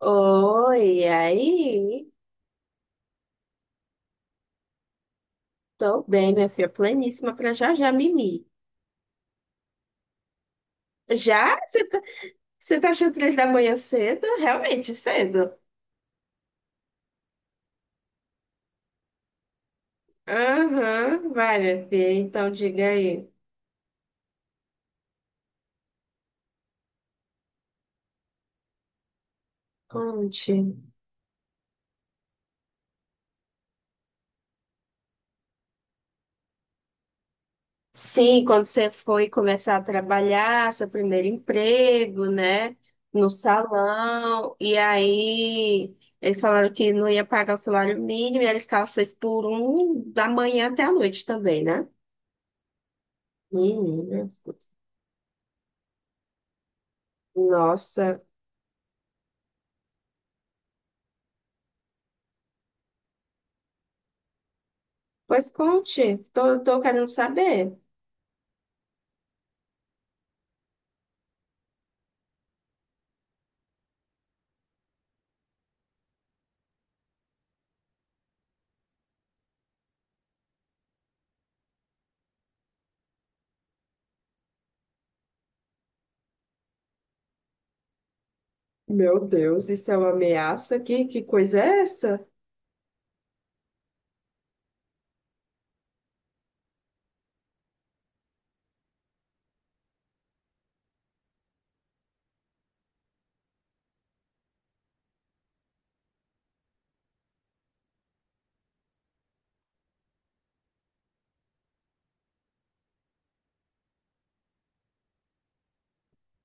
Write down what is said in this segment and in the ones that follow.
Oi, e aí? Tô bem, minha filha, pleníssima pra já já mimi. Já? Você tá achando 3 da manhã cedo? Realmente cedo. Aham, vai, minha filha, então diga aí. Conte. Sim, quando você foi começar a trabalhar, seu primeiro emprego, né? No salão, e aí eles falaram que não ia pagar o salário mínimo, e eles ficavam 6 por 1 da manhã até a noite também, né? Meninas. Nossa, pois conte, tô querendo saber. Meu Deus, isso é uma ameaça aqui? Que coisa é essa?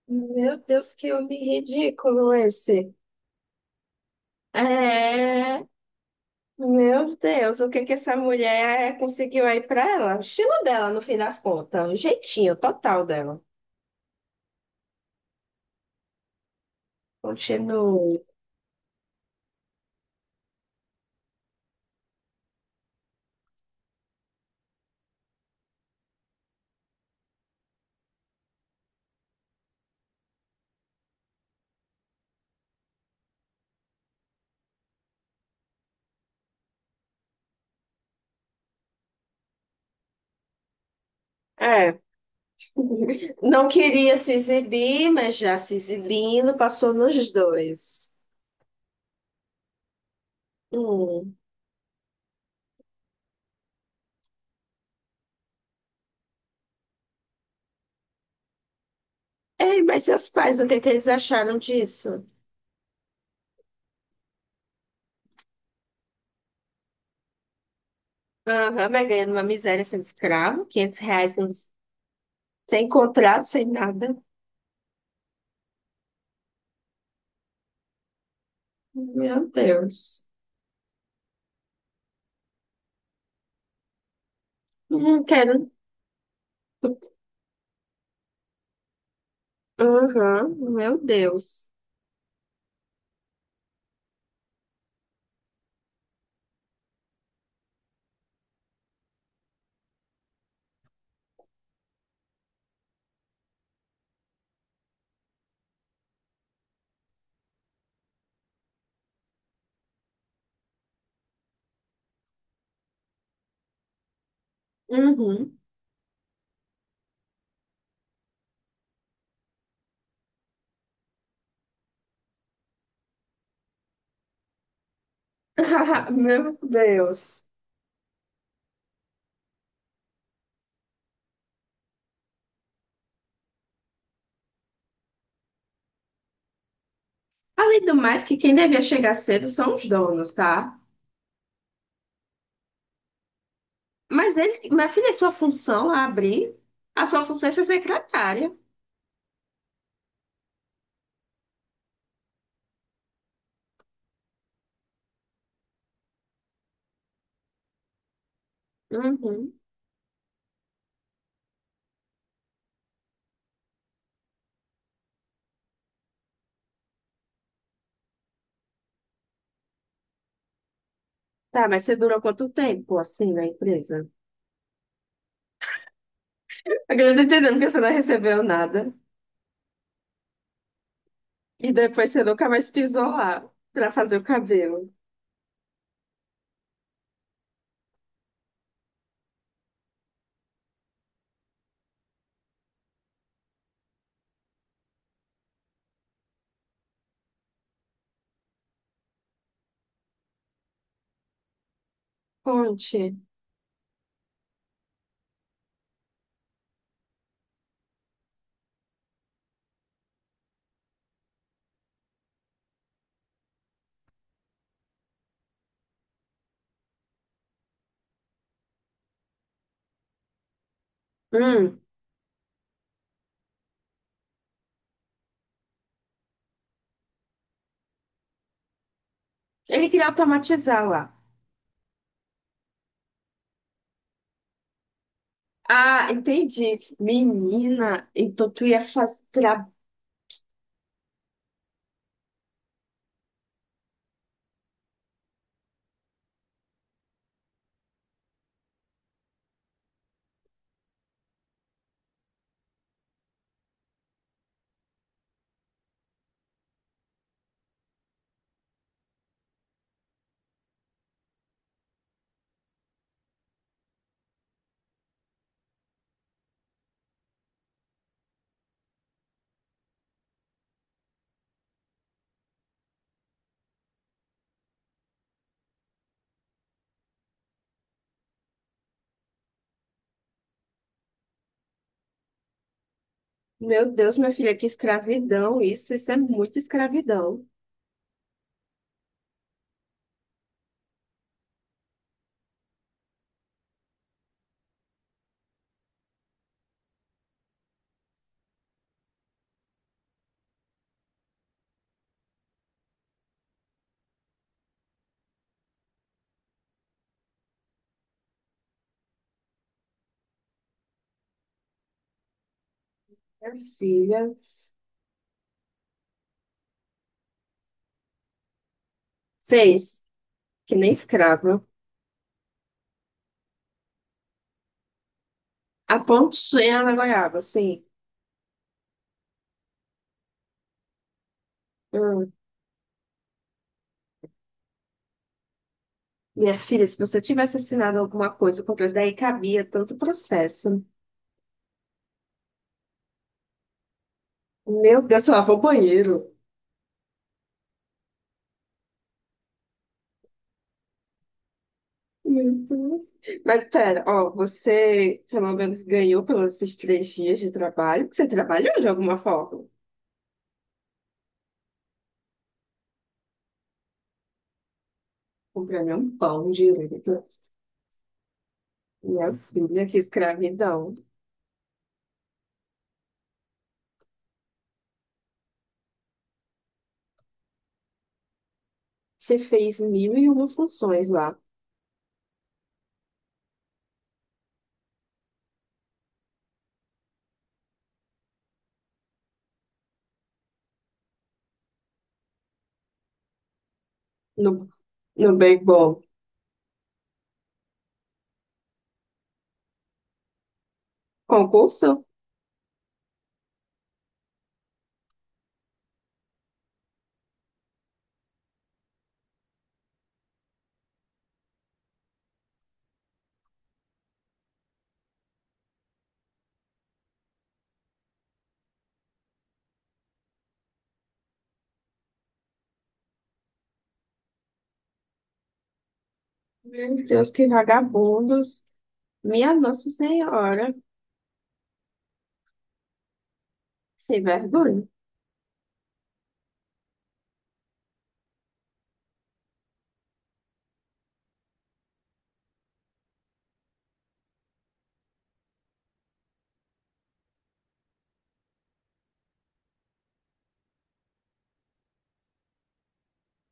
Meu Deus, que homem ridículo esse. É, meu Deus, o que que essa mulher conseguiu aí pra ela? O estilo dela, no fim das contas, o jeitinho total dela. Continue. É, não queria se exibir, mas já se exibindo, passou nos dois. Hum. Ei, mas seus pais, o que que eles acharam disso? Aham, mas ganhando uma miséria sendo escravo, R$ 500 sem sem contrato, sem nada. Meu Deus. Não quero. Aham, meu Deus. Uhum. Meu Deus. Além do mais, que quem devia chegar cedo são os donos, tá? Mas eles, minha filha, é sua função é abrir, a sua função é ser secretária. Uhum. Tá, mas você durou quanto tempo assim na empresa? Agora eu tô entendendo que você não recebeu nada. E depois você nunca mais pisou lá pra fazer o cabelo. Conte. Hum, ele queria automatizar lá. Ah, entendi. Menina, então tu ia fazer. Tra... Meu Deus, minha filha, que escravidão isso. Isso é muito escravidão. Minha filha fez, que nem escrava, a pontinha na goiaba, assim. Hum, minha filha, se você tivesse assinado alguma coisa contra isso, daí cabia tanto processo. Meu Deus, você lavou o banheiro. Meu Deus. Mas pera, ó, você pelo menos ganhou pelos esses 3 dias de trabalho, porque você trabalhou de alguma forma. O prêmio é um pão direito. Minha filha, que escravidão. Você fez mil e uma funções lá no, no Bem Bom concurso? Meu Deus, que vagabundos. Minha Nossa Senhora, sem vergonha.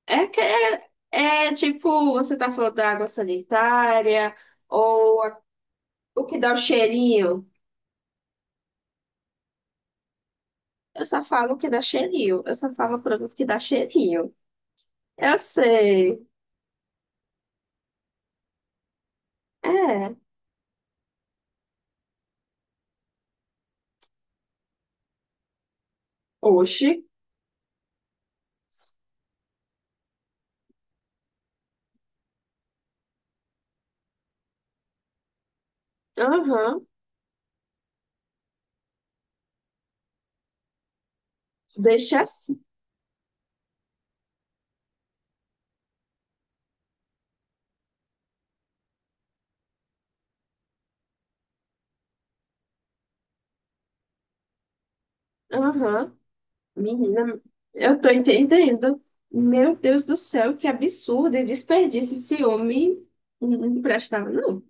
É que é, tipo, você tá falando da água sanitária ou a- o que dá o cheirinho. Eu só falo o que dá cheirinho. Eu só falo produto que dá cheirinho. Eu sei. É. Oxi. Aham. Deixa assim. Aham. Menina, eu tô entendendo. Meu Deus do céu, que absurdo e desperdício esse homem não emprestava, não.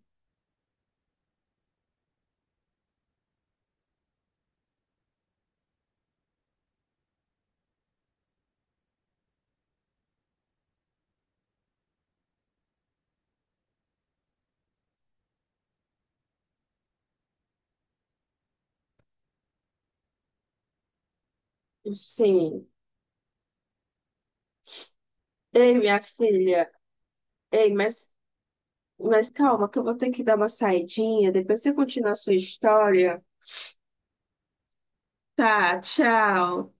Sim. Ei, minha filha. Ei, mas calma, que eu vou ter que dar uma saidinha. Depois você continua a sua história. Tá, tchau.